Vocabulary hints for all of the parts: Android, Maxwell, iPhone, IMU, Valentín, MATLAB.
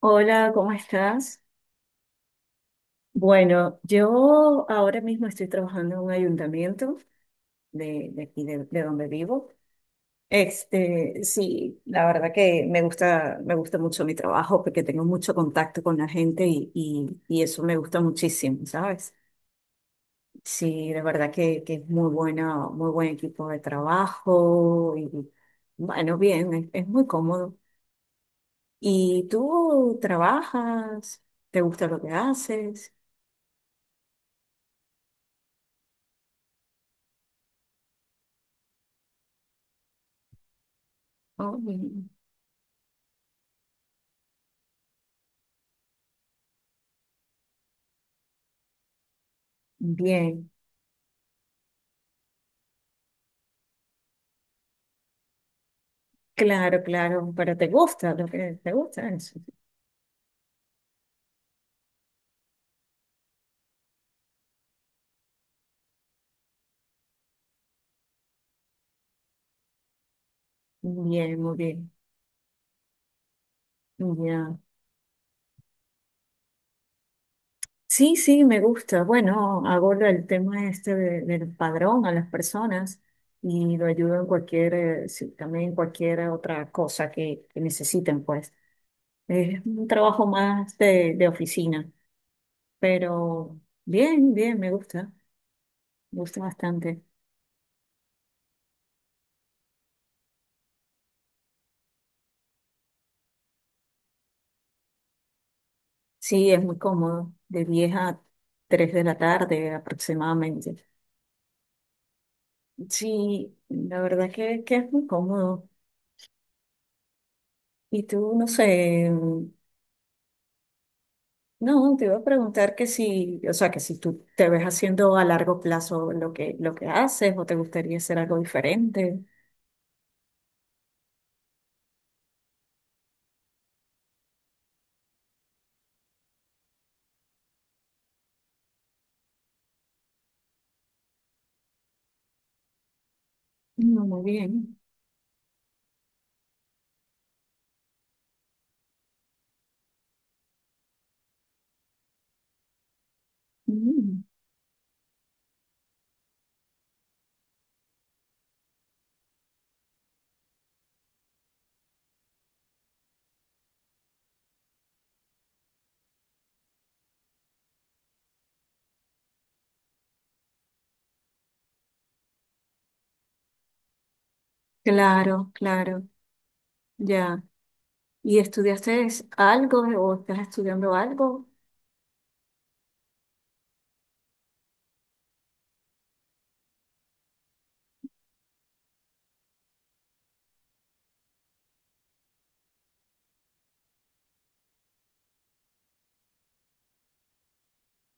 Hola, ¿cómo estás? Bueno, yo ahora mismo estoy trabajando en un ayuntamiento de aquí de donde vivo. Este, sí, la verdad que me gusta mucho mi trabajo porque tengo mucho contacto con la gente y eso me gusta muchísimo, ¿sabes? Sí, la verdad que es muy buena, muy buen equipo de trabajo y bueno, bien, es muy cómodo. ¿Y tú trabajas? ¿Te gusta lo que haces? Oh, bien. Bien, claro, claro, pero te gusta lo que te gusta eso. Bien, muy bien, ya. Sí, sí, me gusta. Bueno, aborda el tema del padrón a las personas y lo ayudo en cualquier, sí, también en cualquier otra cosa que necesiten, pues. Es un trabajo más de oficina, pero bien, bien, me gusta bastante. Sí, es muy cómodo, de 10 a 3 de la tarde aproximadamente. Sí, la verdad que es muy cómodo. Y tú, no sé, no, te iba a preguntar que si, o sea, que si tú te ves haciendo a largo plazo lo que haces o te gustaría hacer algo diferente. No, muy bien. Mm. Claro, claro, ya. ¿Y estudiaste algo o estás estudiando algo?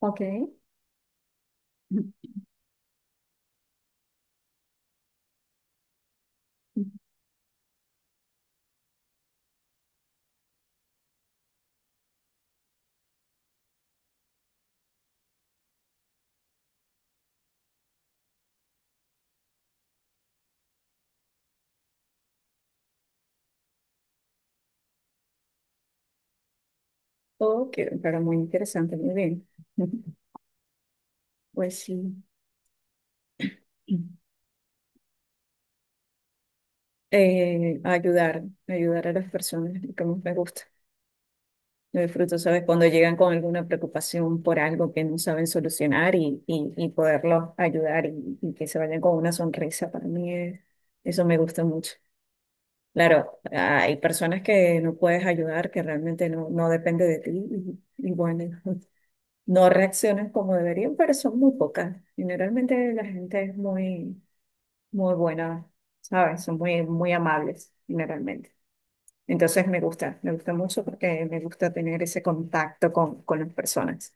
Ok. Ok, pero muy interesante, muy bien. Pues sí. Ayudar, ayudar a las personas, lo que más me gusta. Lo disfruto, ¿sabes? Cuando llegan con alguna preocupación por algo que no saben solucionar y poderlos ayudar y que se vayan con una sonrisa, para mí es, eso me gusta mucho. Claro, hay personas que no puedes ayudar, que realmente no, no depende de ti y bueno, no reaccionan como deberían, pero son muy pocas. Generalmente la gente es muy, muy buena, ¿sabes? Son muy, muy amables, generalmente. Entonces me gusta mucho porque me gusta tener ese contacto con las personas.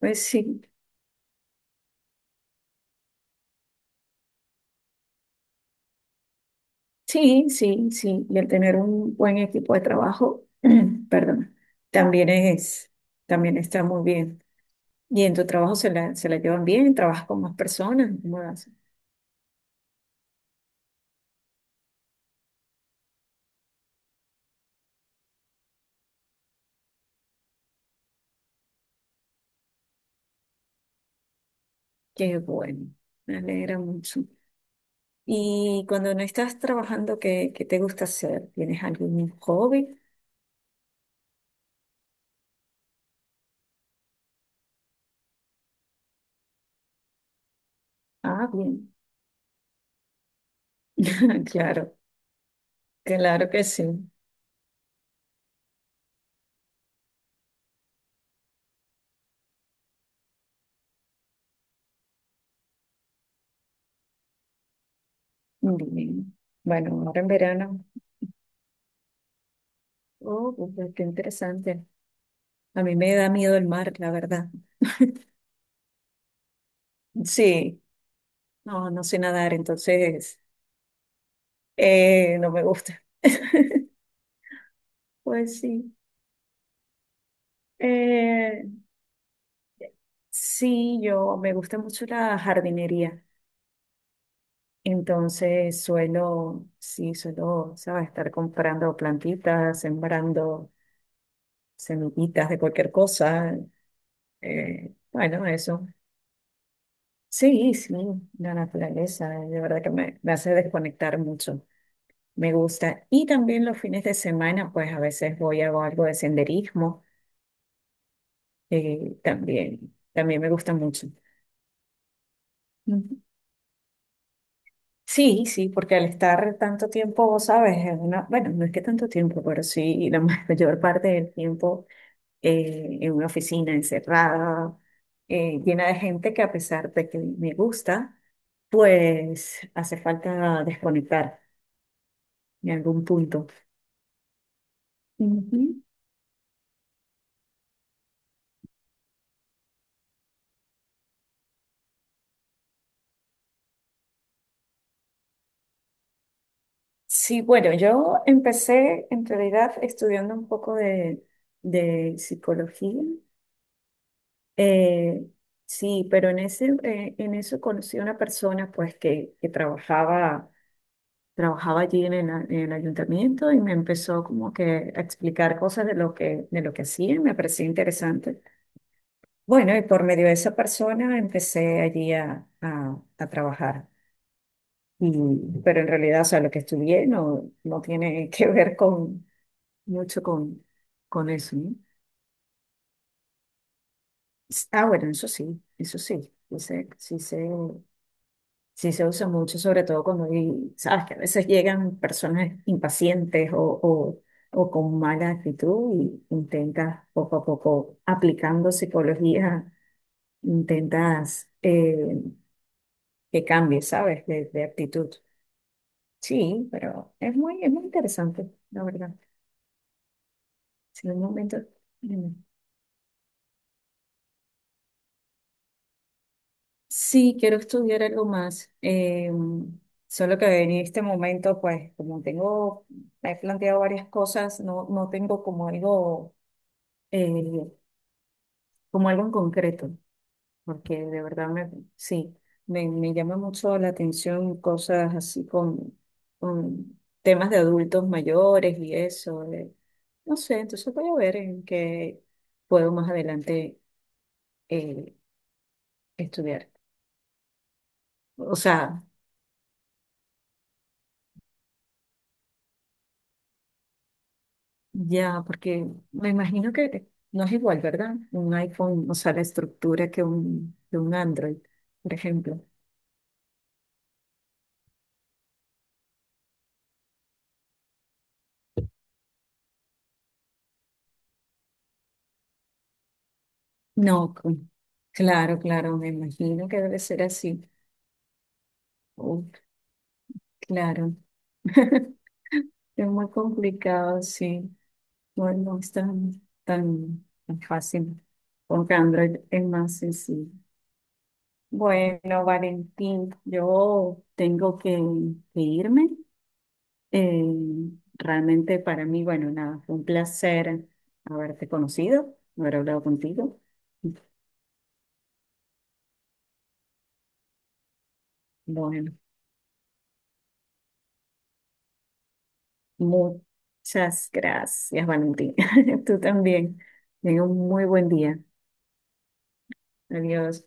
Pues sí, sí, sí, sí. Y el tener un buen equipo de trabajo, perdón, también también está muy bien. Y en tu trabajo se la llevan bien, trabajas con más personas, ¿cómo das? Qué bueno, me alegra mucho. Y cuando no estás trabajando, ¿qué, qué te gusta hacer? ¿Tienes algún hobby? Ah, bien. Claro, claro que sí. Bien. Bueno, ahora en verano. Oh, pues, qué interesante. A mí me da miedo el mar, la verdad. Sí, no, no sé nadar, entonces no me gusta. Pues sí. Eh, sí, yo me gusta mucho la jardinería. Entonces suelo, sí, suelo, ¿sabes? Estar comprando plantitas, sembrando semillitas de cualquier cosa. Bueno, eso. Sí, sí, la naturaleza, de verdad que me hace desconectar mucho, me gusta. Y también los fines de semana, pues a veces voy a algo de senderismo, también, también me gusta mucho. Ujú. Sí, sí, porque al estar tanto tiempo, sabes, en una, bueno, no es que tanto tiempo, pero sí, la mayor parte del tiempo en una oficina encerrada, llena de gente que a pesar de que me gusta, pues hace falta desconectar en algún punto. Ujú. Sí, bueno, yo empecé en realidad estudiando un poco de psicología. Eh, sí, pero en en eso conocí a una persona pues que trabajaba, trabajaba allí en en el ayuntamiento y me empezó como que a explicar cosas de lo que hacía, me parecía interesante. Bueno, y por medio de esa persona empecé allí a trabajar. Pero en realidad, o sea, lo que estudié no, no tiene que ver con mucho con eso, ¿no? Ah, bueno, eso sí, sí se usa mucho, sobre todo cuando sabes que a veces llegan personas impacientes o o con mala actitud y intentas poco a poco, aplicando psicología, intentas que cambie, ¿sabes? De actitud. Sí, pero es muy interesante, la verdad. Si en un momento... Sí, quiero estudiar algo más. Solo que en este momento, pues, como tengo, me he planteado varias cosas, no, no tengo eh, como algo en concreto, porque de verdad me, sí, me llama mucho la atención cosas así con temas de adultos mayores y eso. No sé, entonces voy a ver en qué puedo más adelante eh, estudiar. O sea, ya, porque me imagino que no es igual, ¿verdad? Un iPhone, o sea, la estructura que un Android, por ejemplo. No, claro, claro, me imagino que debe ser así. Uf, claro. Es muy complicado, sí. No, no es tan, tan tan fácil. Con Android es más sencillo. Bueno, Valentín, yo tengo que irme. Eh, realmente para mí, bueno, nada, fue un placer haberte conocido, haber hablado contigo. Bueno, muchas gracias, Valentín. Tú también. Tenga un muy buen día. Adiós.